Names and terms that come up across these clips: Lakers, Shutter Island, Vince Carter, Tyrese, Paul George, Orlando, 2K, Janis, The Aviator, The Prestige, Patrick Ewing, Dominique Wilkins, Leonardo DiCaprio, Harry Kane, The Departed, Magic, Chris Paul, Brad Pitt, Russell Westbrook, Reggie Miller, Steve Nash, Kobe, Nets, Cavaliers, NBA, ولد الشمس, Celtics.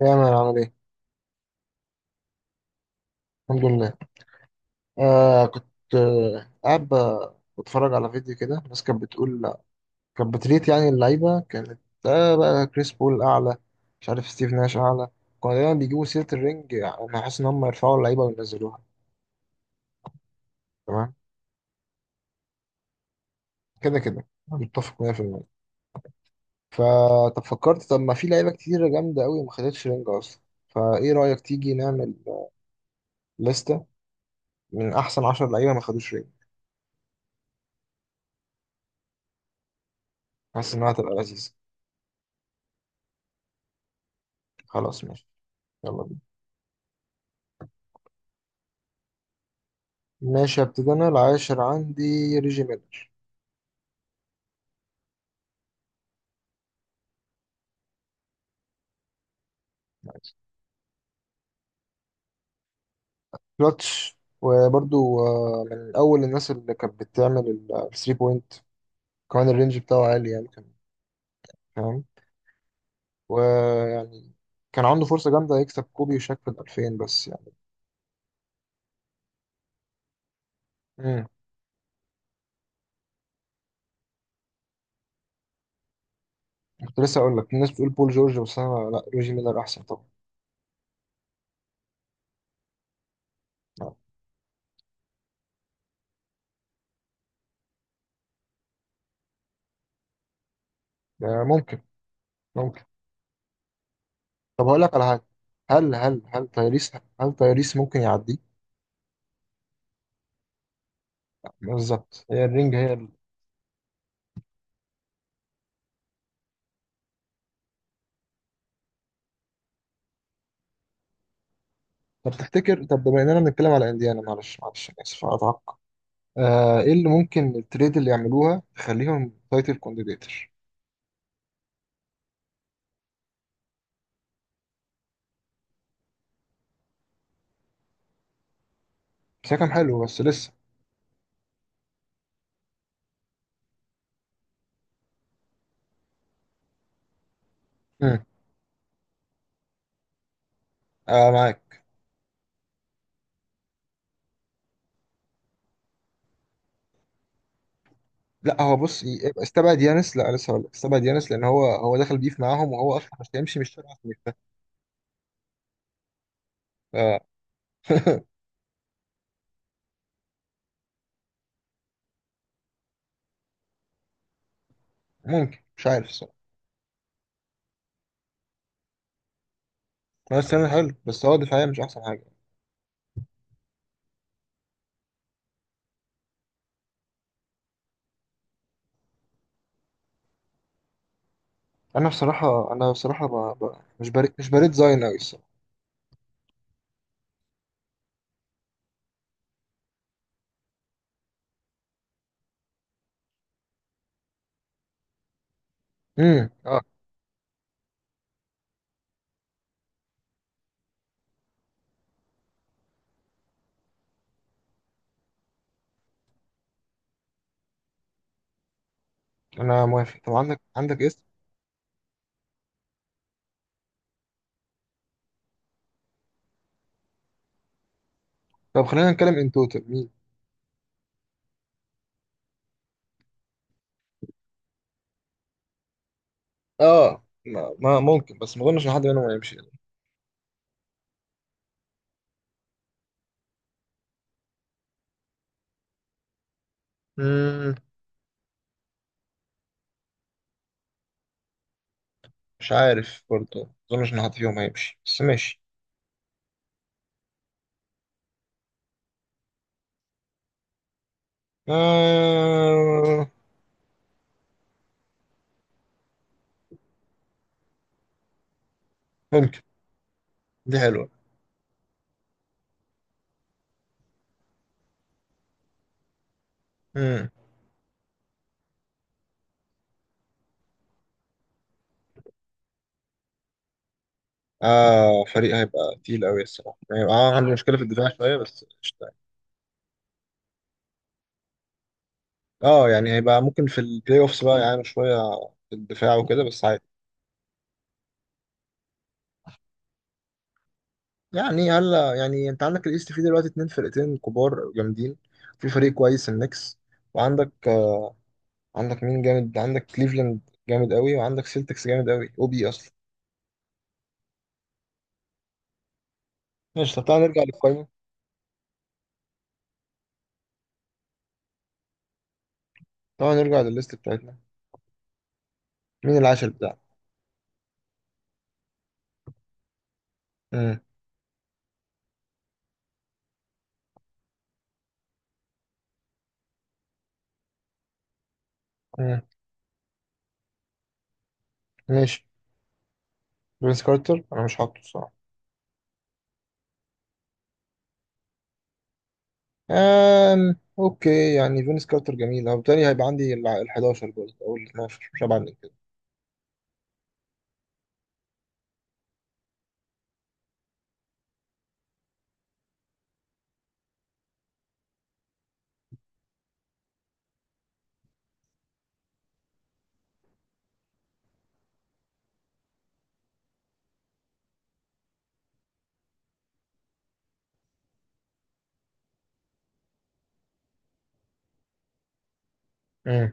يا مان عامل ايه؟ الحمد لله. كنت قاعد بتفرج على فيديو كده. الناس كانت بتقول، كانت بتريت، يعني اللعيبة كانت بقى كريس بول أعلى، مش عارف ستيف ناش أعلى. كانوا دايما بيجيبوا سيرة الرينج، يعني أنا حاسس إن هم يرفعوا اللعيبة وينزلوها. تمام. كده كده متفق 100%. فطب فكرت، طب ما في لعيبة كتيرة جامدة أوي ما خدتش رينج أصلا، فإيه رأيك تيجي نعمل لستة من أحسن 10 لعيبة ما خدوش رينج. حاسس إنها هتبقى لذيذة. خلاص ماشي. يلا. ماشي، هبتدي انا. العاشر عندي ريجي ميلر. كلاتش، وبرضو من اول الناس اللي كانت بتعمل الثري بوينت. كمان الرينج بتاعه عالي، يعني كان، فاهم. ويعني كان عنده فرصة جامدة يكسب كوبي وشاك في ال 2000، بس يعني. امم. كنت لسه اقول لك الناس بتقول بول جورج، بس انا لا، ريجي ميلر احسن طبعا. آه، آه، ممكن، ممكن. طب هقول لك على حاجة. هل هل هل تايريس هل تايريس ممكن يعديه؟ بالظبط، هي الرينج، هي. طب تفتكر، طب بما اننا بنتكلم على انديانا، معلش معلش انا اسف، اتعق. ايه اللي ممكن التريد اللي يعملوها تخليهم تايتل كونديديتر؟ بس هي كان حلو بس لسه. امم. آه، معاك. لا، هو بص، إيه، استبعد يانس، لا لسه هقول لك، استبعد يانس لان هو هو دخل بيف معاهم وهو اصلا مش هيمشي، مش فارق في ده. آه. ممكن، مش عارف الصراحه. هو، استنى، حلو بس هو دفاعيا مش احسن حاجه. انا بصراحه مش بريد زاين قوي الصراحه. امم، اه، انا موافق. طب عندك اسم؟ طب خلينا نتكلم ان توتال. اه، ما ممكن، بس ما اظنش ان حد منهم هيمشي. امم. مش عارف برضه. ما اظنش ان حد فيهم هيمشي، بس ماشي. آه، ممكن. دي حلوة. مم. فريق هيبقى تقيل قوي الصراحة، يعني اه، عندي مشكلة في الدفاع شوية، بس قشطة يعني. اه، يعني هيبقى ممكن في البلاي اوفس بقى يعانوا شوية في الدفاع وكده، بس عادي. يعني هلا، يعني انت عندك الايست فيه دلوقتي اتنين فرقتين كبار جامدين، في فريق كويس النكس، وعندك مين جامد، عندك كليفلاند جامد قوي، وعندك سيلتكس جامد قوي او بي اصلا. ماشي، طب تعالى نرجع للقائمه. تعالى نرجع للليست بتاعتنا. مين العاشر بتاعنا؟ امم. امم. ماشي. فينس كارتر انا مش حاطه الصراحه. اوكي، يعني فينس كارتر جميل، او تاني هيبقى عندي ال 11 برضه او ال 12، مش هبعد من كده. امم،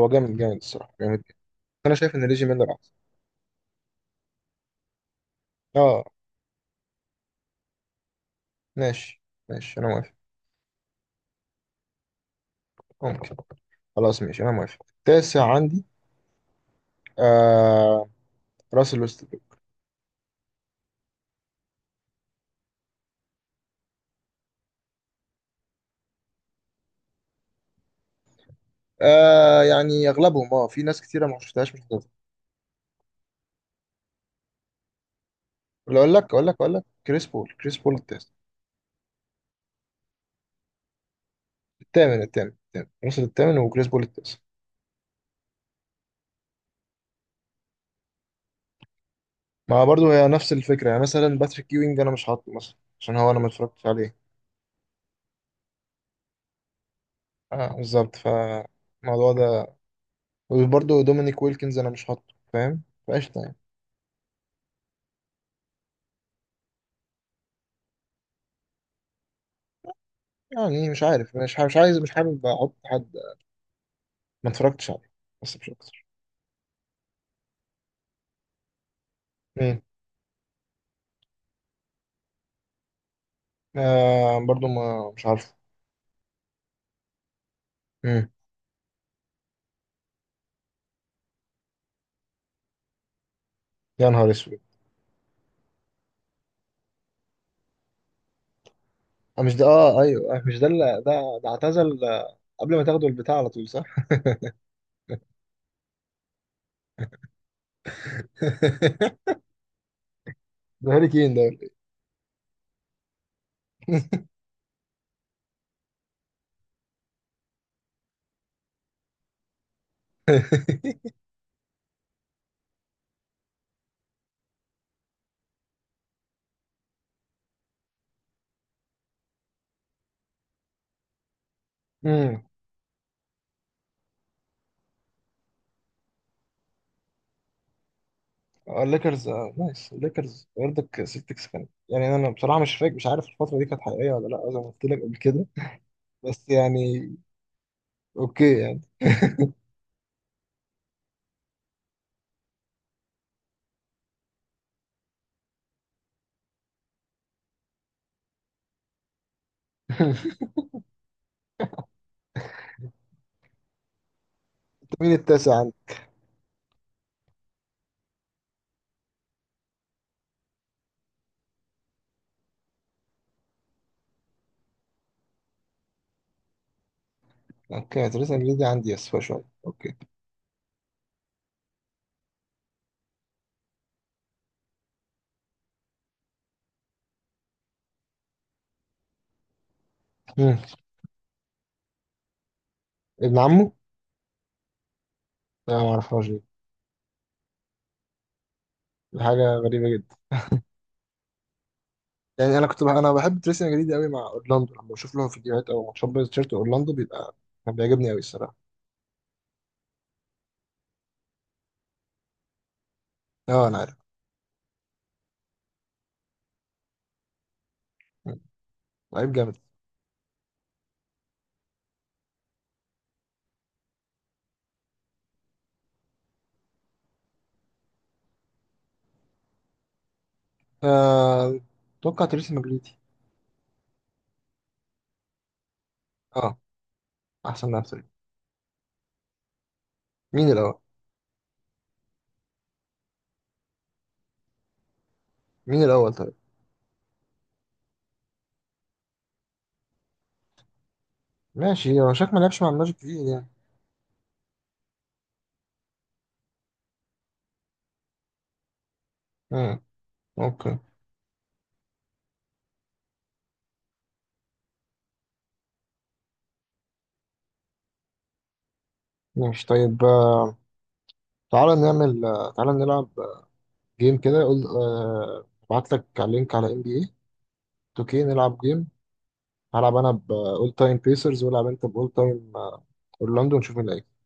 هو جامد جامد الصراحه، جامد جدا. انا شايف ان ريجي ميلر احسن. اه، ماشي ماشي، انا موافق. ممكن. خلاص ماشي، انا موافق. التاسع عندي آه... راسل ويست. يعني اغلبهم، اه، في ناس كتيره ما شفتهاش، مش حضرتها. ولا اقول لك كريس بول التاسع. الثامن، وصل الثامن، وكريس بول التاسع. ما برضه هي نفس الفكره، يعني مثلا باتريك ewing انا مش حاطه، مثلا عشان هو انا ما اتفرجتش عليه. اه بالظبط، فالموضوع ده. وبرضه دومينيك ويلكنز انا مش حاطه، فاهم. فقشطه يعني. يعني مش عارف، مش عايز، مش حابب احط حد ما اتفرجتش عليه، بس مش اكتر. مين؟ آه، برضه ما، مش عارفه. مم. يا نهار اسود. آه، مش ده، اه، ايوه، مش ده اللي ده. ده اعتزل قبل ما تاخدوا البتاع على طول صح؟ ده هاري كين ده ولا إيه؟ امم. الليكرز نايس. الليكرز برضك سيلتكس كان، يعني انا بصراحه مش فاكر، مش عارف الفتره دي كانت حقيقيه ولا لا، زي ما قلت لك قبل كده. بس يعني، اوكي يعني. أنت مين التاسع عندي؟ اوكي، تريزا دي عندي، اسفه شويه، اوكي. امم. ابن عمه؟ لا، ما اعرفهاش دي. دي حاجه غريبه جدا. يعني انا كنت بح انا بحب تريسينج جديد قوي مع اورلاندو، لما بشوف لهم فيديوهات او ماتشات، بايظ، تيشيرت اورلاندو بيبقى كان بيعجبني قوي الصراحه. اه، انا عارف. مم. لعيب جامد. آه، اتوقع تريسينج مجليتي. اه، احسن لاعب في الفريق. مين الاول؟ مين الاول طيب؟ ماشي، هو شكله ما لعبش مع الماجيك كتير يعني. مم. اوكي ماشي طيب، تعالى نلعب جيم كده. قول، ابعت لك على لينك على NBA 2K نلعب جيم. هلعب انا بأول تايم بيسرز، والعب انت بأول تايم اورلاندو، ونشوف مين اللي